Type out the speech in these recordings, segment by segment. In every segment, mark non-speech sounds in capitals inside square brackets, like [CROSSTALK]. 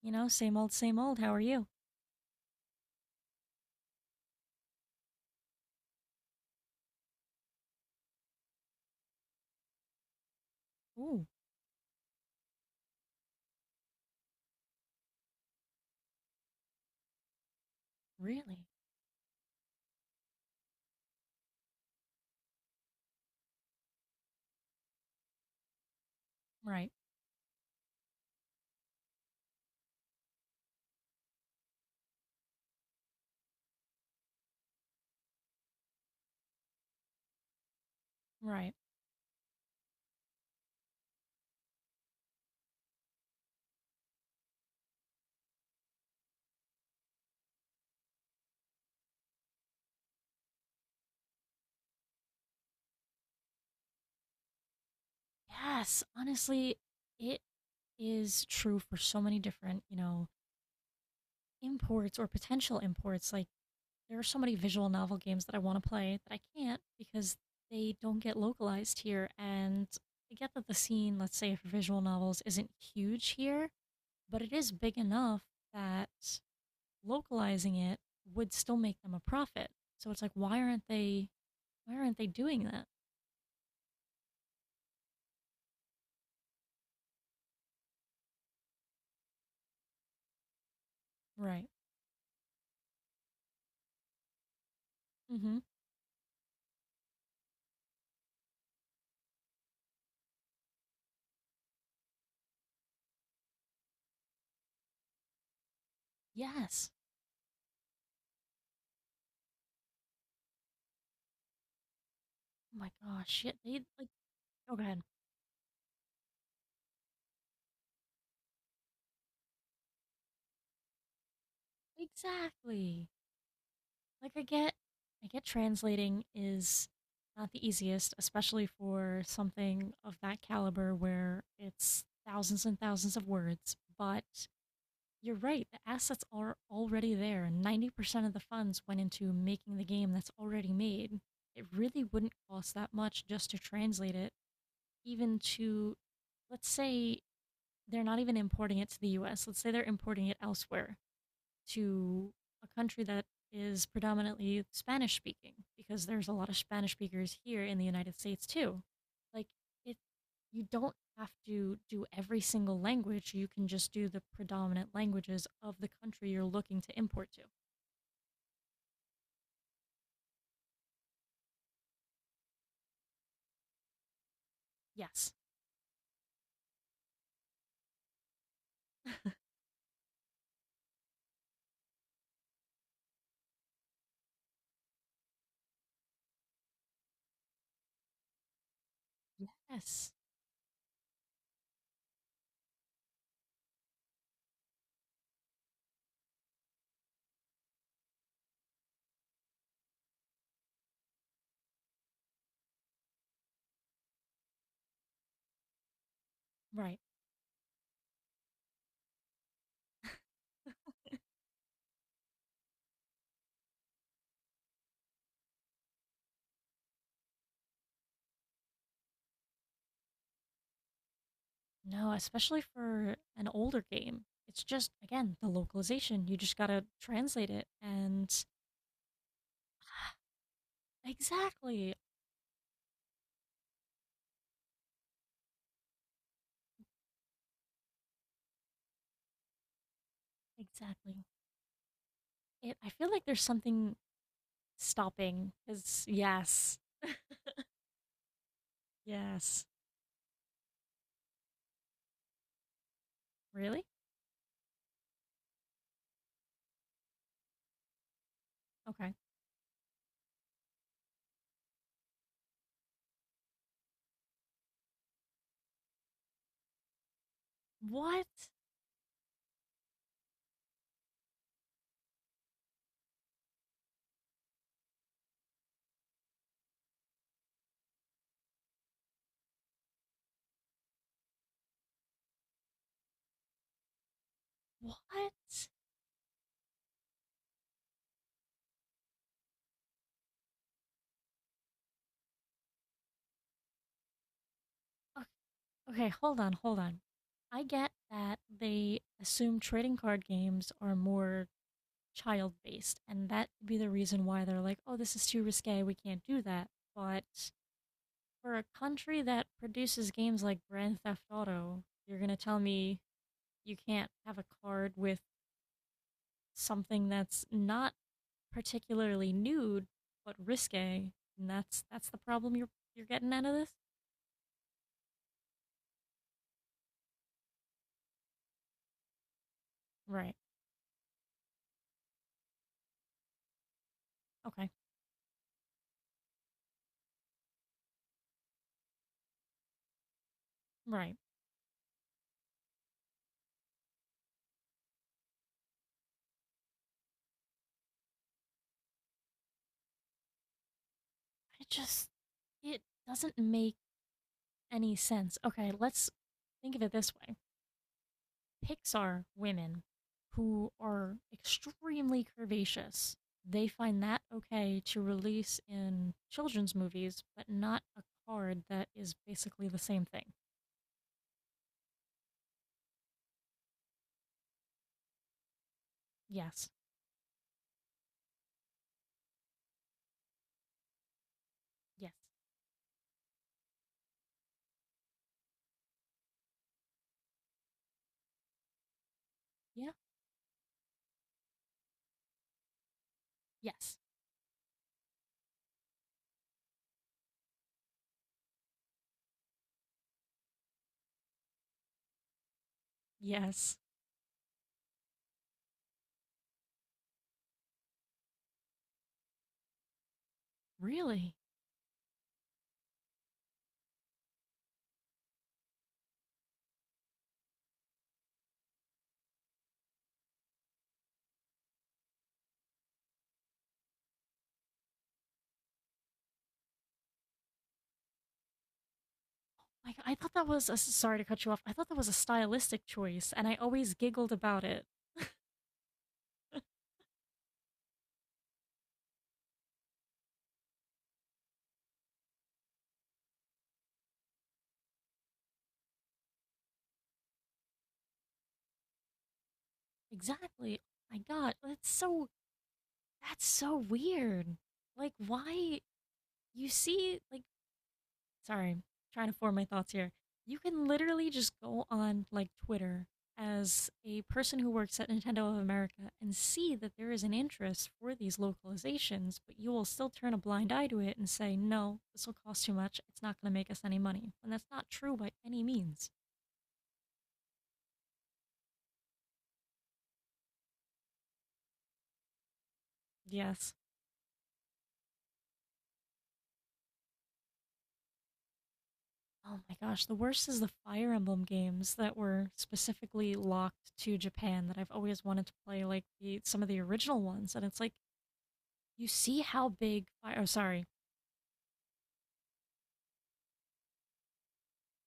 Same old, same old. How are you? Ooh, really? Right, right. Yes, honestly, it is true for so many different, imports or potential imports. Like, there are so many visual novel games that I want to play that I can't because they don't get localized here. And I get that the scene, let's say, for visual novels isn't huge here, but it is big enough that localizing it would still make them a profit. So it's like, why aren't they doing that? Right. Mhm. Yes. Oh my gosh, shit, they like, oh, go ahead. Exactly. Like, I get translating is not the easiest, especially for something of that caliber where it's thousands and thousands of words, but you're right, the assets are already there. 90% of the funds went into making the game that's already made. It really wouldn't cost that much just to translate it, even to, let's say they're not even importing it to the US. Let's say they're importing it elsewhere to a country that is predominantly Spanish speaking because there's a lot of Spanish speakers here in the United States too. Like, it, you don't have to do every single language. You can just do the predominant languages of the country you're looking to import to. Yes. Yes. Right. No, especially for an older game. It's just again the localization. You just got to translate it and— Exactly. Exactly. I feel like there's something stopping. Is Yes, yes. Really? Okay. What? What? O- Okay, hold on, hold on. I get that they assume trading card games are more child based, and that could be the reason why they're like, oh, this is too risque, we can't do that. But for a country that produces games like Grand Theft Auto, you're gonna tell me you can't have a card with something that's not particularly nude, but risque, and that's the problem you're getting out of this. Right. Okay. Right. I just It doesn't make any sense. Okay, let's think of it this way: Pixar women who are extremely curvaceous, they find that okay to release in children's movies, but not a card that is basically the same thing. Yes. Yes. Yeah. Yes. Yes. Really? Like, I thought that was a— sorry to cut you off. I thought that was a stylistic choice, and I always giggled about it. Exactly. Oh my God, that's so weird. Like, why— you see like— sorry, I'm trying to form my thoughts here. You can literally just go on like Twitter as a person who works at Nintendo of America and see that there is an interest for these localizations, but you will still turn a blind eye to it and say, no, this will cost too much. It's not going to make us any money. And that's not true by any means. Yes. Oh my gosh, the worst is the Fire Emblem games that were specifically locked to Japan that I've always wanted to play, like the some of the original ones. And it's like— you see how big Fire— oh, sorry.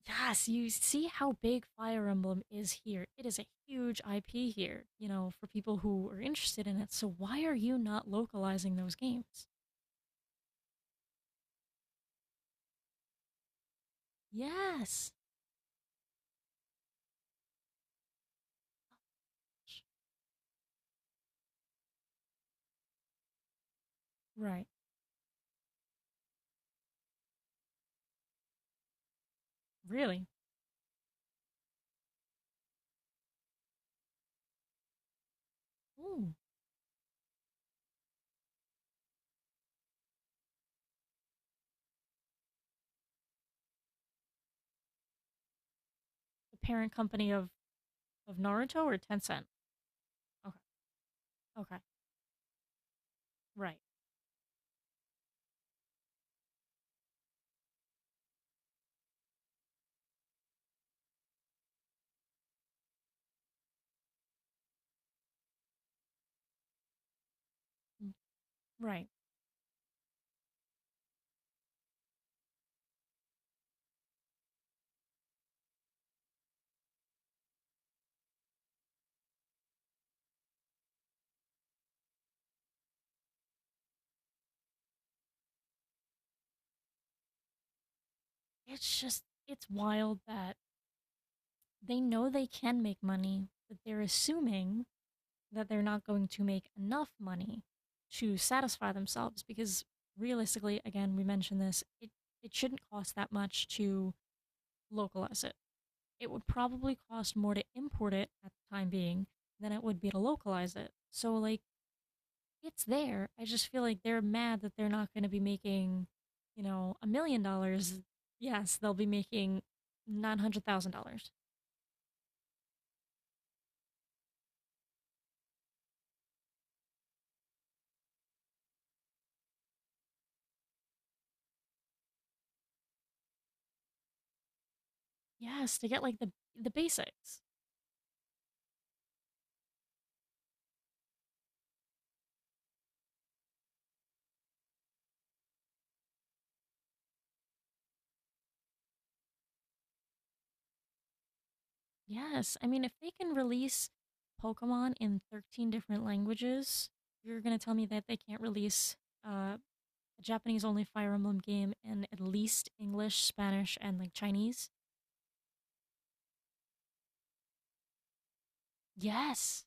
Yes, you see how big Fire Emblem is here. It is a huge IP here, for people who are interested in it. So why are you not localizing those games? Yes. Right. Really? Ooh. The parent company of Naruto or Tencent? Okay. Okay. Right. Mm, right. It's just, it's wild that they know they can make money, but they're assuming that they're not going to make enough money to satisfy themselves. Because realistically, again, we mentioned this, it shouldn't cost that much to localize it. It would probably cost more to import it at the time being than it would be to localize it. So like, it's there. I just feel like they're mad that they're not going to be making $1 million. Yes, they'll be making $900,000. Yes, to get like the basics. Yes, I mean, if they can release Pokemon in 13 different languages, you're gonna tell me that they can't release uh, a Japanese-only Fire Emblem game in at least English, Spanish, and like Chinese? Yes,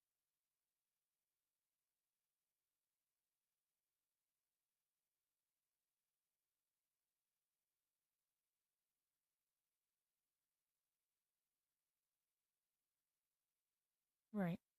right. [LAUGHS]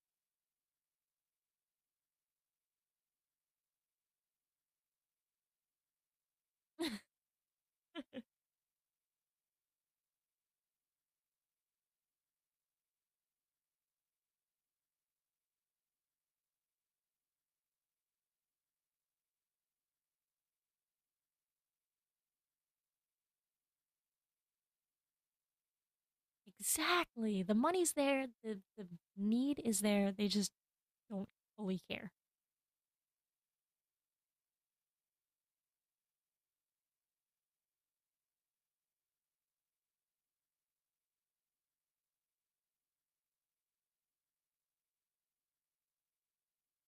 Exactly. The money's there, the need is there. They just don't fully care.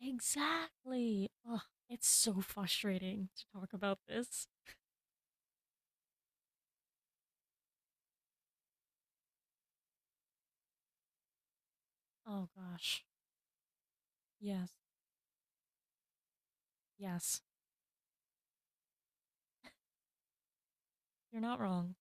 Exactly. Ugh, it's so frustrating to talk about this. Oh gosh. Yes, yes. You're not wrong.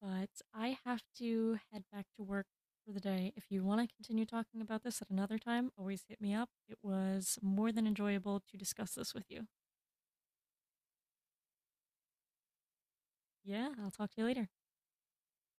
But I have to head back to work for the day. If you want to continue talking about this at another time, always hit me up. It was more than enjoyable to discuss this with you. Yeah, I'll talk to you later.